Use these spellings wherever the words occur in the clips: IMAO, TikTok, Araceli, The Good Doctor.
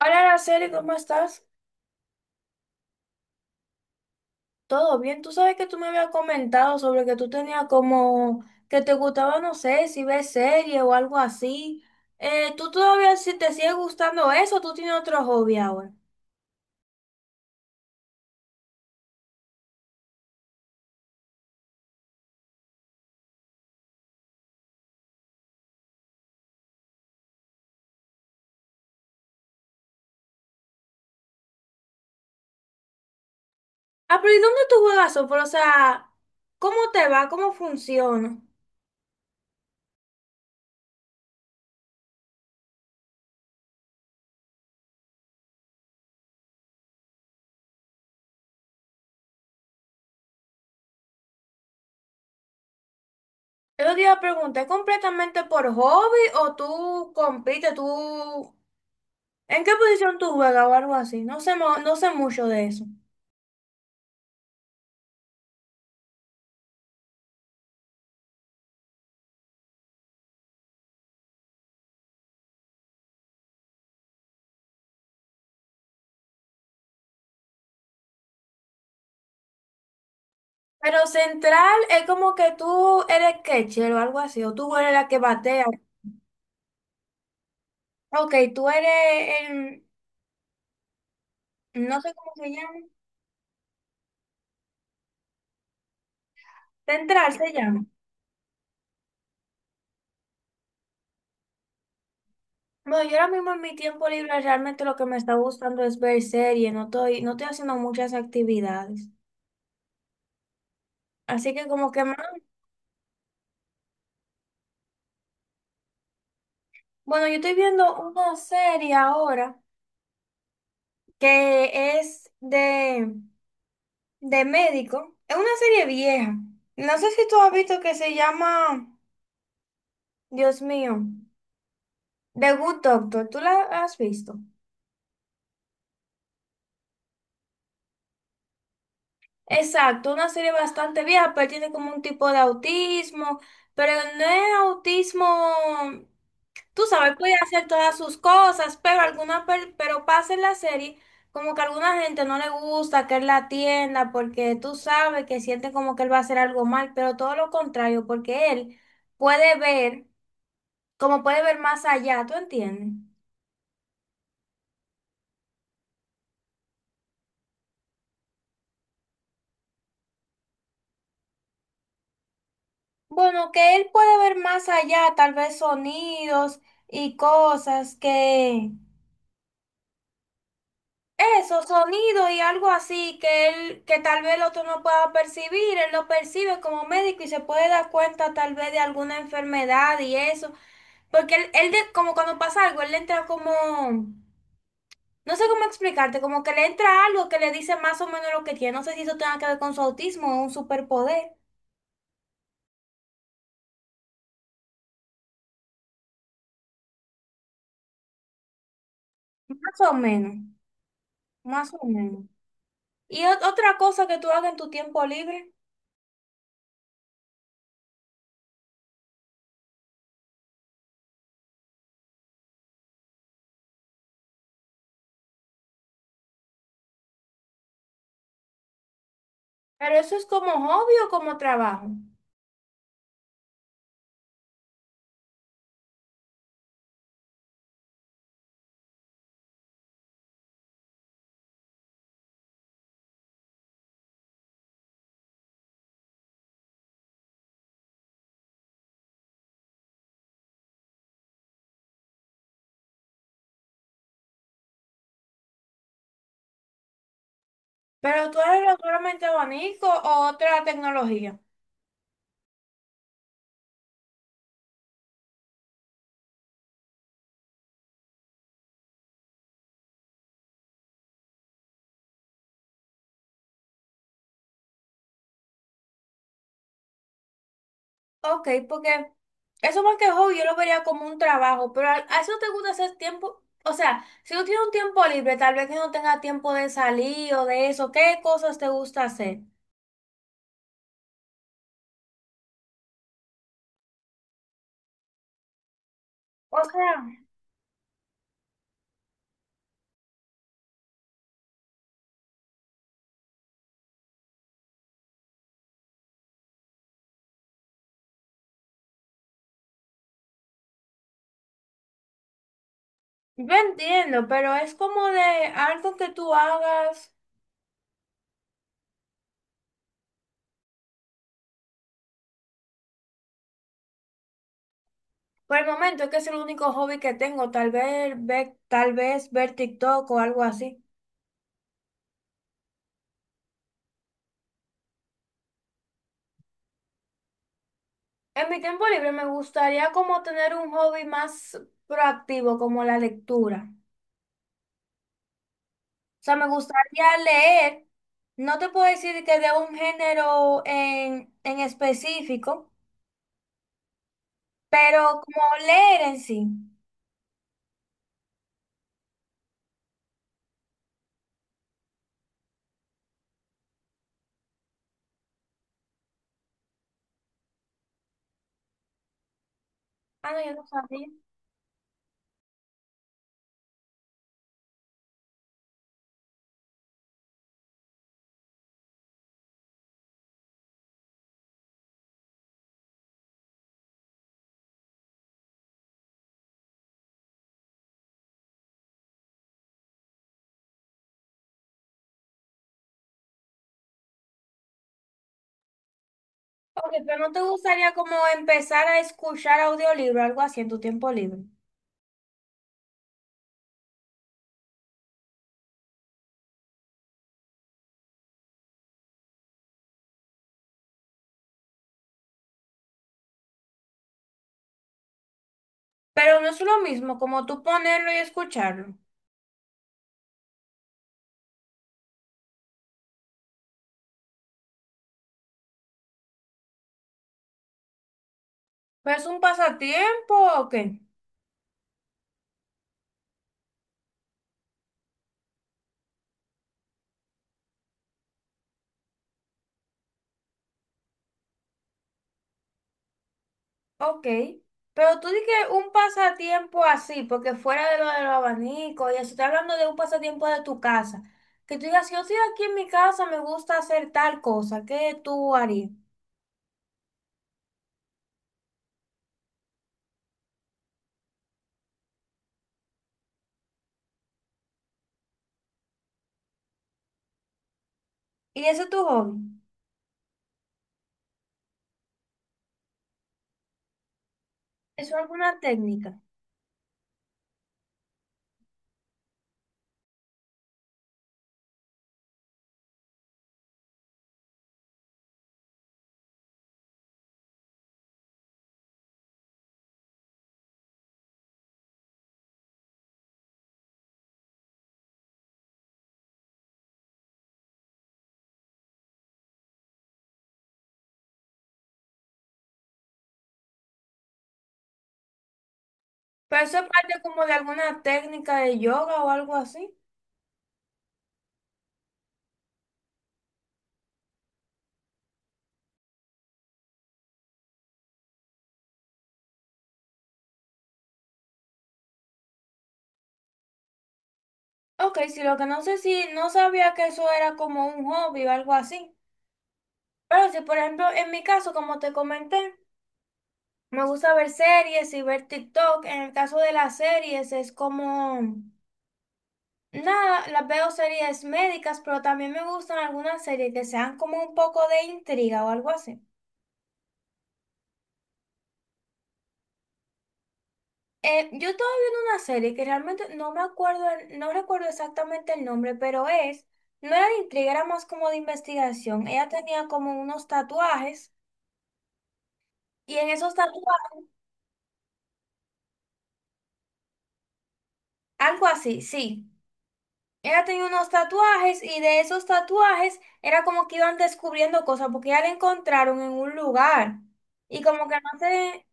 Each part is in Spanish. Hola, Araceli, ¿cómo estás? ¿Todo bien? Tú sabes que tú me habías comentado sobre que tú tenías como que te gustaba, no sé, si ves serie o algo así. ¿Tú todavía si te sigue gustando eso o tú tienes otro hobby ahora? Ah, pero ¿y dónde tú juegas softball? O sea, ¿cómo te va? ¿Cómo funciona? Yo te iba a preguntar, ¿es completamente por hobby o tú compites? ¿Tú en qué posición tú juegas o algo así? No sé, no sé mucho de eso. Pero central es como que tú eres catcher o algo así, o tú eres la que batea. Ok, tú eres el, no sé cómo se llama, central se llama. Bueno, yo ahora mismo en mi tiempo libre realmente lo que me está gustando es ver series, no estoy haciendo muchas actividades. Así que como que más, bueno, yo estoy viendo una serie ahora que es de médico. Es una serie vieja. No sé si tú has visto que se llama, Dios mío. The Good Doctor, ¿tú la has visto? Exacto, una serie bastante vieja, pero tiene como un tipo de autismo, pero no es autismo, tú sabes, puede hacer todas sus cosas, pero alguna, pero pasa en la serie como que a alguna gente no le gusta que él la atienda porque tú sabes que siente como que él va a hacer algo mal, pero todo lo contrario, porque él puede ver, como puede ver más allá, ¿tú entiendes? Bueno, que él puede ver más allá, tal vez sonidos y cosas que eso, sonido y algo así que él, que tal vez el otro no pueda percibir, él lo percibe como médico y se puede dar cuenta tal vez de alguna enfermedad y eso, porque él como cuando pasa algo, él le entra como, no sé cómo explicarte, como que le entra algo que le dice más o menos lo que tiene, no sé si eso tenga que ver con su autismo o un superpoder, más o menos, más o menos. Y otra cosa que tú hagas en tu tiempo libre. Pero eso es como hobby o como trabajo. Pero tú eres solamente abanico o otra tecnología. Ok, porque eso más que hobby yo lo vería como un trabajo. Pero a eso te gusta hacer tiempo. O sea, si tú tienes un tiempo libre, tal vez que no tengas tiempo de salir o de eso, ¿qué cosas te gusta hacer? O sea, yo entiendo, pero es como de algo que tú hagas. Por el momento es que es el único hobby que tengo, tal vez ver TikTok o algo así. En mi tiempo libre me gustaría como tener un hobby más proactivo, como la lectura. O sea, me gustaría leer. No te puedo decir que de un género en específico, pero como leer en sí. Ah, no, yo no sabía. Ok, pero no te gustaría como empezar a escuchar audiolibro, algo así en tu tiempo libre. Pero no es lo mismo como tú ponerlo y escucharlo. Pero es un pasatiempo, ok. Ok. Pero tú dices un pasatiempo así, porque fuera de lo de los abanicos y eso, estoy hablando de un pasatiempo de tu casa. Que tú digas, yo estoy aquí en mi casa, me gusta hacer tal cosa, ¿qué tú harías? Y ese es tu hobby. Eso es alguna técnica. Pero eso es parte como de alguna técnica de yoga o algo así. Ok, sí, lo que no sé si no sabía que eso era como un hobby o algo así. Pero si, por ejemplo, en mi caso, como te comenté, me gusta ver series y ver TikTok. En el caso de las series es como, nada, las veo series médicas, pero también me gustan algunas series que sean como un poco de intriga o algo así. Yo estaba viendo una serie que realmente no me acuerdo, no recuerdo exactamente el nombre, pero es, no era de intriga, era más como de investigación. Ella tenía como unos tatuajes y en esos tatuajes, algo así, sí. Ella tenía unos tatuajes y de esos tatuajes era como que iban descubriendo cosas porque ya la encontraron en un lugar y como que no sé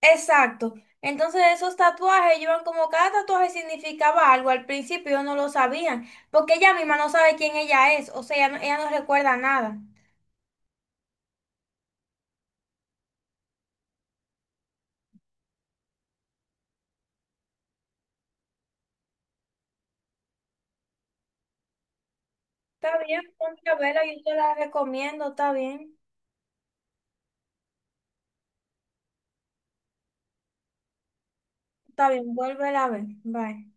exacto. Entonces esos tatuajes iban como cada tatuaje significaba algo. Al principio ellos no lo sabían porque ella misma no sabe quién ella es, o sea, ella no recuerda nada. Está bien, ponte a verla, yo te la recomiendo, está bien, vuélvela a ver, bye.